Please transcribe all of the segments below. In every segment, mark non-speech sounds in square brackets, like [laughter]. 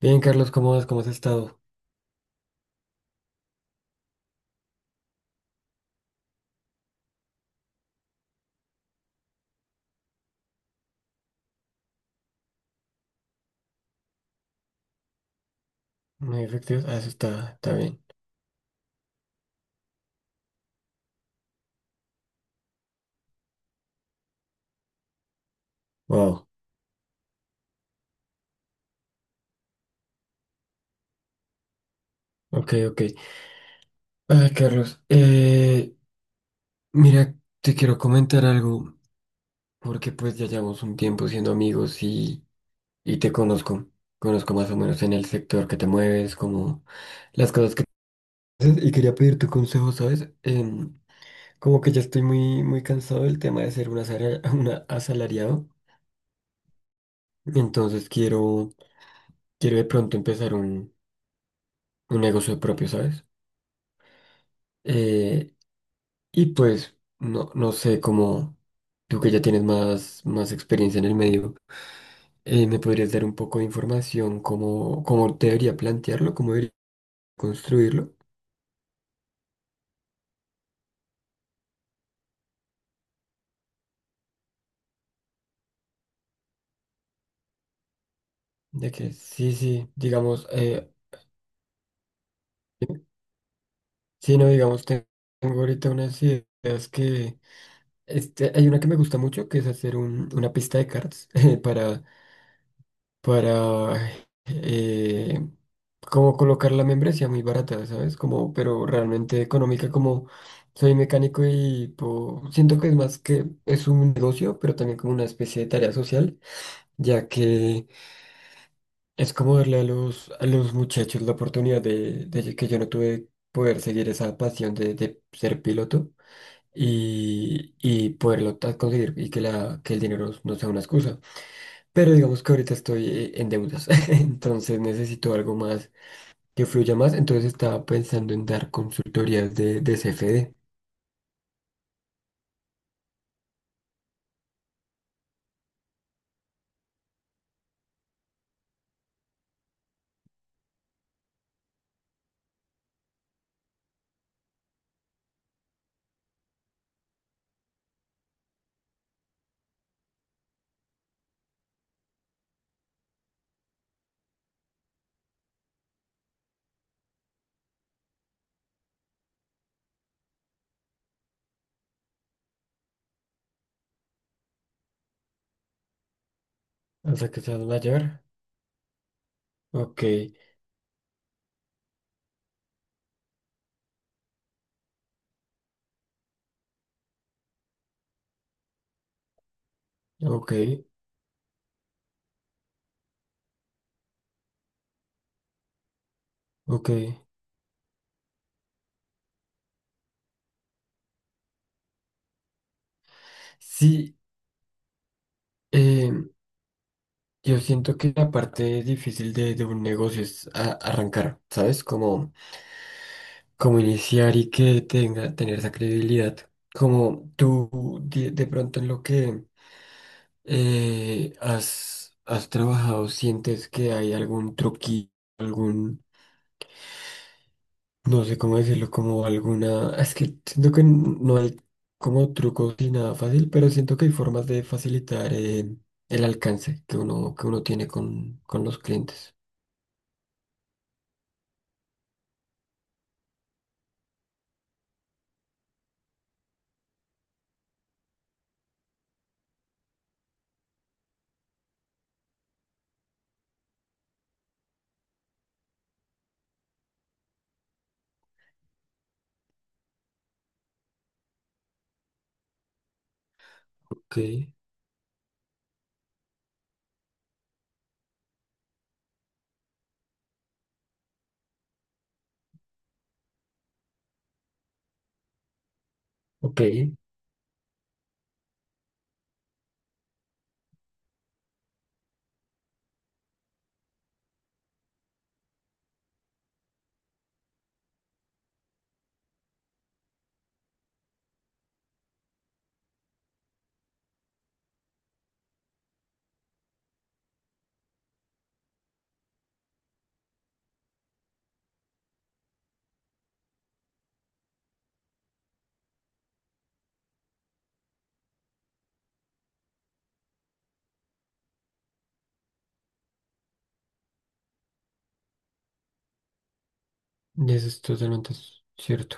Bien, Carlos, ¿cómo vas? ¿Cómo has estado? Muy efectivos. Ah, eso está, está bien. Wow. Ok, ok. Ay, Carlos, mira, te quiero comentar algo, porque pues ya llevamos un tiempo siendo amigos y te conozco. Conozco más o menos en el sector que te mueves, como las cosas que haces, y quería pedir tu consejo, ¿sabes? Como que ya estoy muy cansado del tema de ser un asalar- [laughs] una asalariado, entonces quiero, quiero de pronto empezar un negocio propio, ¿sabes? Eh, Y pues, no sé cómo, tú que ya tienes más experiencia en el medio, ¿me podrías dar un poco de información cómo, cómo debería plantearlo, cómo debería construirlo? De que sí, sí, digamos, sí, no, digamos, tengo ahorita unas ideas que, este, hay una que me gusta mucho, que es hacer una pista de cards [laughs] para para eh, como colocar la membresía muy barata, ¿sabes? Como, pero realmente económica, como soy mecánico y siento que es más que es un negocio, pero también como una especie de tarea social, ya que es como darle a los muchachos la oportunidad de que yo no tuve poder seguir esa pasión de ser piloto. Y poderlo conseguir y que, la, que el dinero no sea una excusa. Pero digamos que ahorita estoy en deudas, [laughs] entonces necesito algo más que fluya más. Entonces estaba pensando en dar consultorías de CFD. Hasta que seas mayor. Ok, ok, ok. Sí, eh, yo siento que la parte difícil de un negocio es arrancar, ¿sabes? Como, como iniciar y que tenga, tener esa credibilidad. Como tú de pronto en lo que ¿has, has trabajado? ¿Sientes que hay algún truquillo, algún, no sé cómo decirlo, como alguna, es que siento que no hay como trucos ni nada fácil, pero siento que hay formas de facilitar el alcance que uno tiene con los clientes. Ok, ok, eso es totalmente cierto.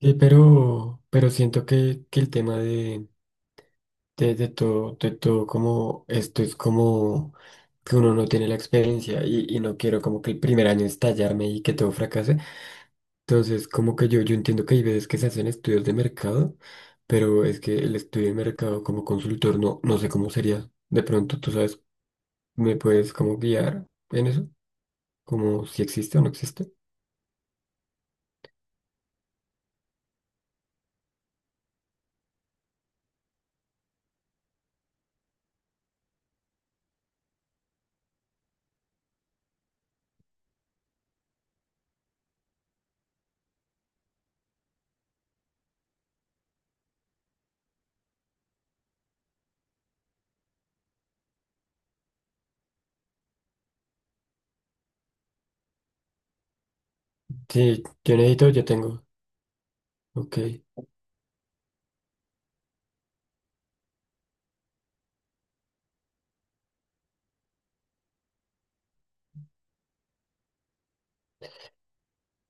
Sí, pero siento que el tema de todo, como esto es como que uno no tiene la experiencia y no quiero como que el primer año estallarme y que todo fracase. Entonces, como que yo entiendo que hay veces que se hacen estudios de mercado, pero es que el estudio de mercado como consultor no, no sé cómo sería. De pronto, tú sabes, ¿me puedes como guiar en eso? Como si existe o no existe. Sí, yo necesito, yo tengo. Ok.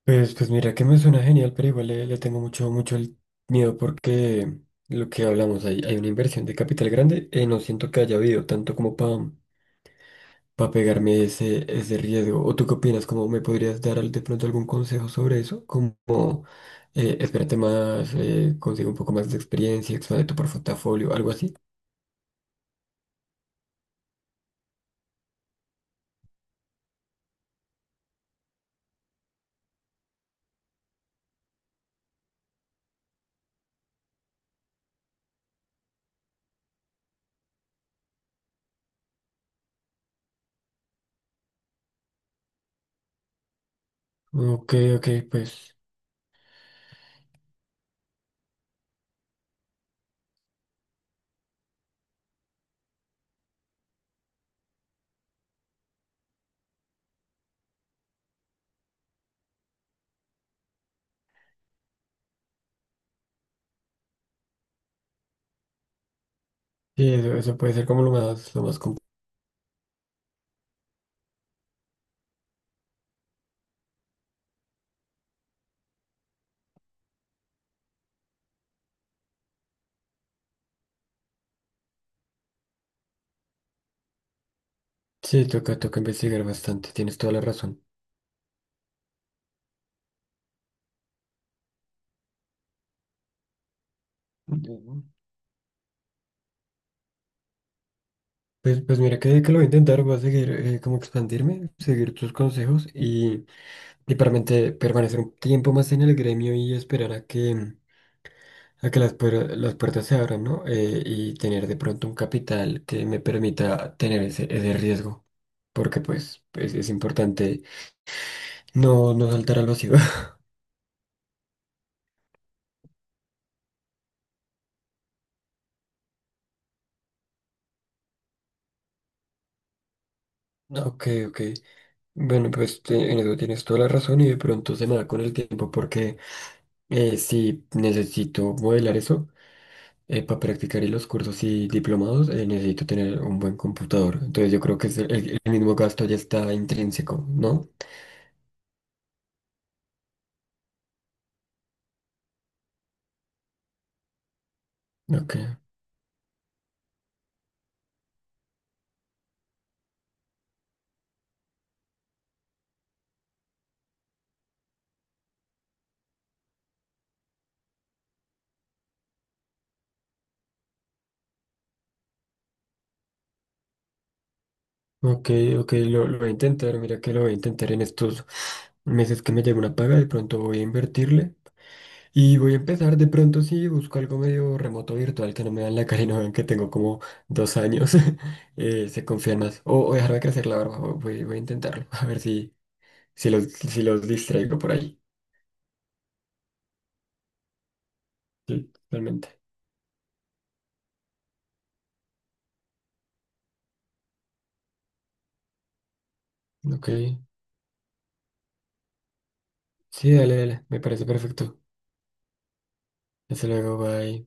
Pues, pues mira que me suena genial, pero igual le, le tengo mucho, mucho el miedo porque lo que hablamos, hay una inversión de capital grande, no siento que haya habido tanto como para pegarme ese, ese riesgo. ¿O tú qué opinas? ¿Cómo me podrías dar de pronto algún consejo sobre eso? Como espérate más, consigue un poco más de experiencia, expande tu portafolio, algo así. Ok, ok, pues sí, eso puede ser como lo más, lo más complejo. Sí, toca, toca investigar bastante, tienes toda la razón. Pues, pues mira que lo voy a intentar, voy a seguir como expandirme, seguir tus consejos y permanecer un tiempo más en el gremio y esperar a que las, las puertas se abran, ¿no? Y tener de pronto un capital que me permita tener ese, ese riesgo, porque pues es importante no, no saltar al vacío. [laughs] Ok, ok. Bueno, pues en eso tienes toda la razón y de pronto se me da con el tiempo porque sí necesito modelar eso para practicar y los cursos y diplomados necesito tener un buen computador. Entonces yo creo que es el mismo gasto ya está intrínseco, ¿no? Ok, ok, ok, lo voy a intentar, mira que lo voy a intentar en estos meses que me llegue una paga, de pronto voy a invertirle. Y voy a empezar de pronto, si busco algo medio remoto virtual que no me dan la cara y no vean que tengo como dos años. [laughs] Se confían más. O dejarme crecer la barba, voy, voy a intentarlo. [laughs] A ver si, si, los, si los distraigo por ahí. Sí, realmente. Ok. Sí, dale, dale. Me parece perfecto. Hasta luego, bye.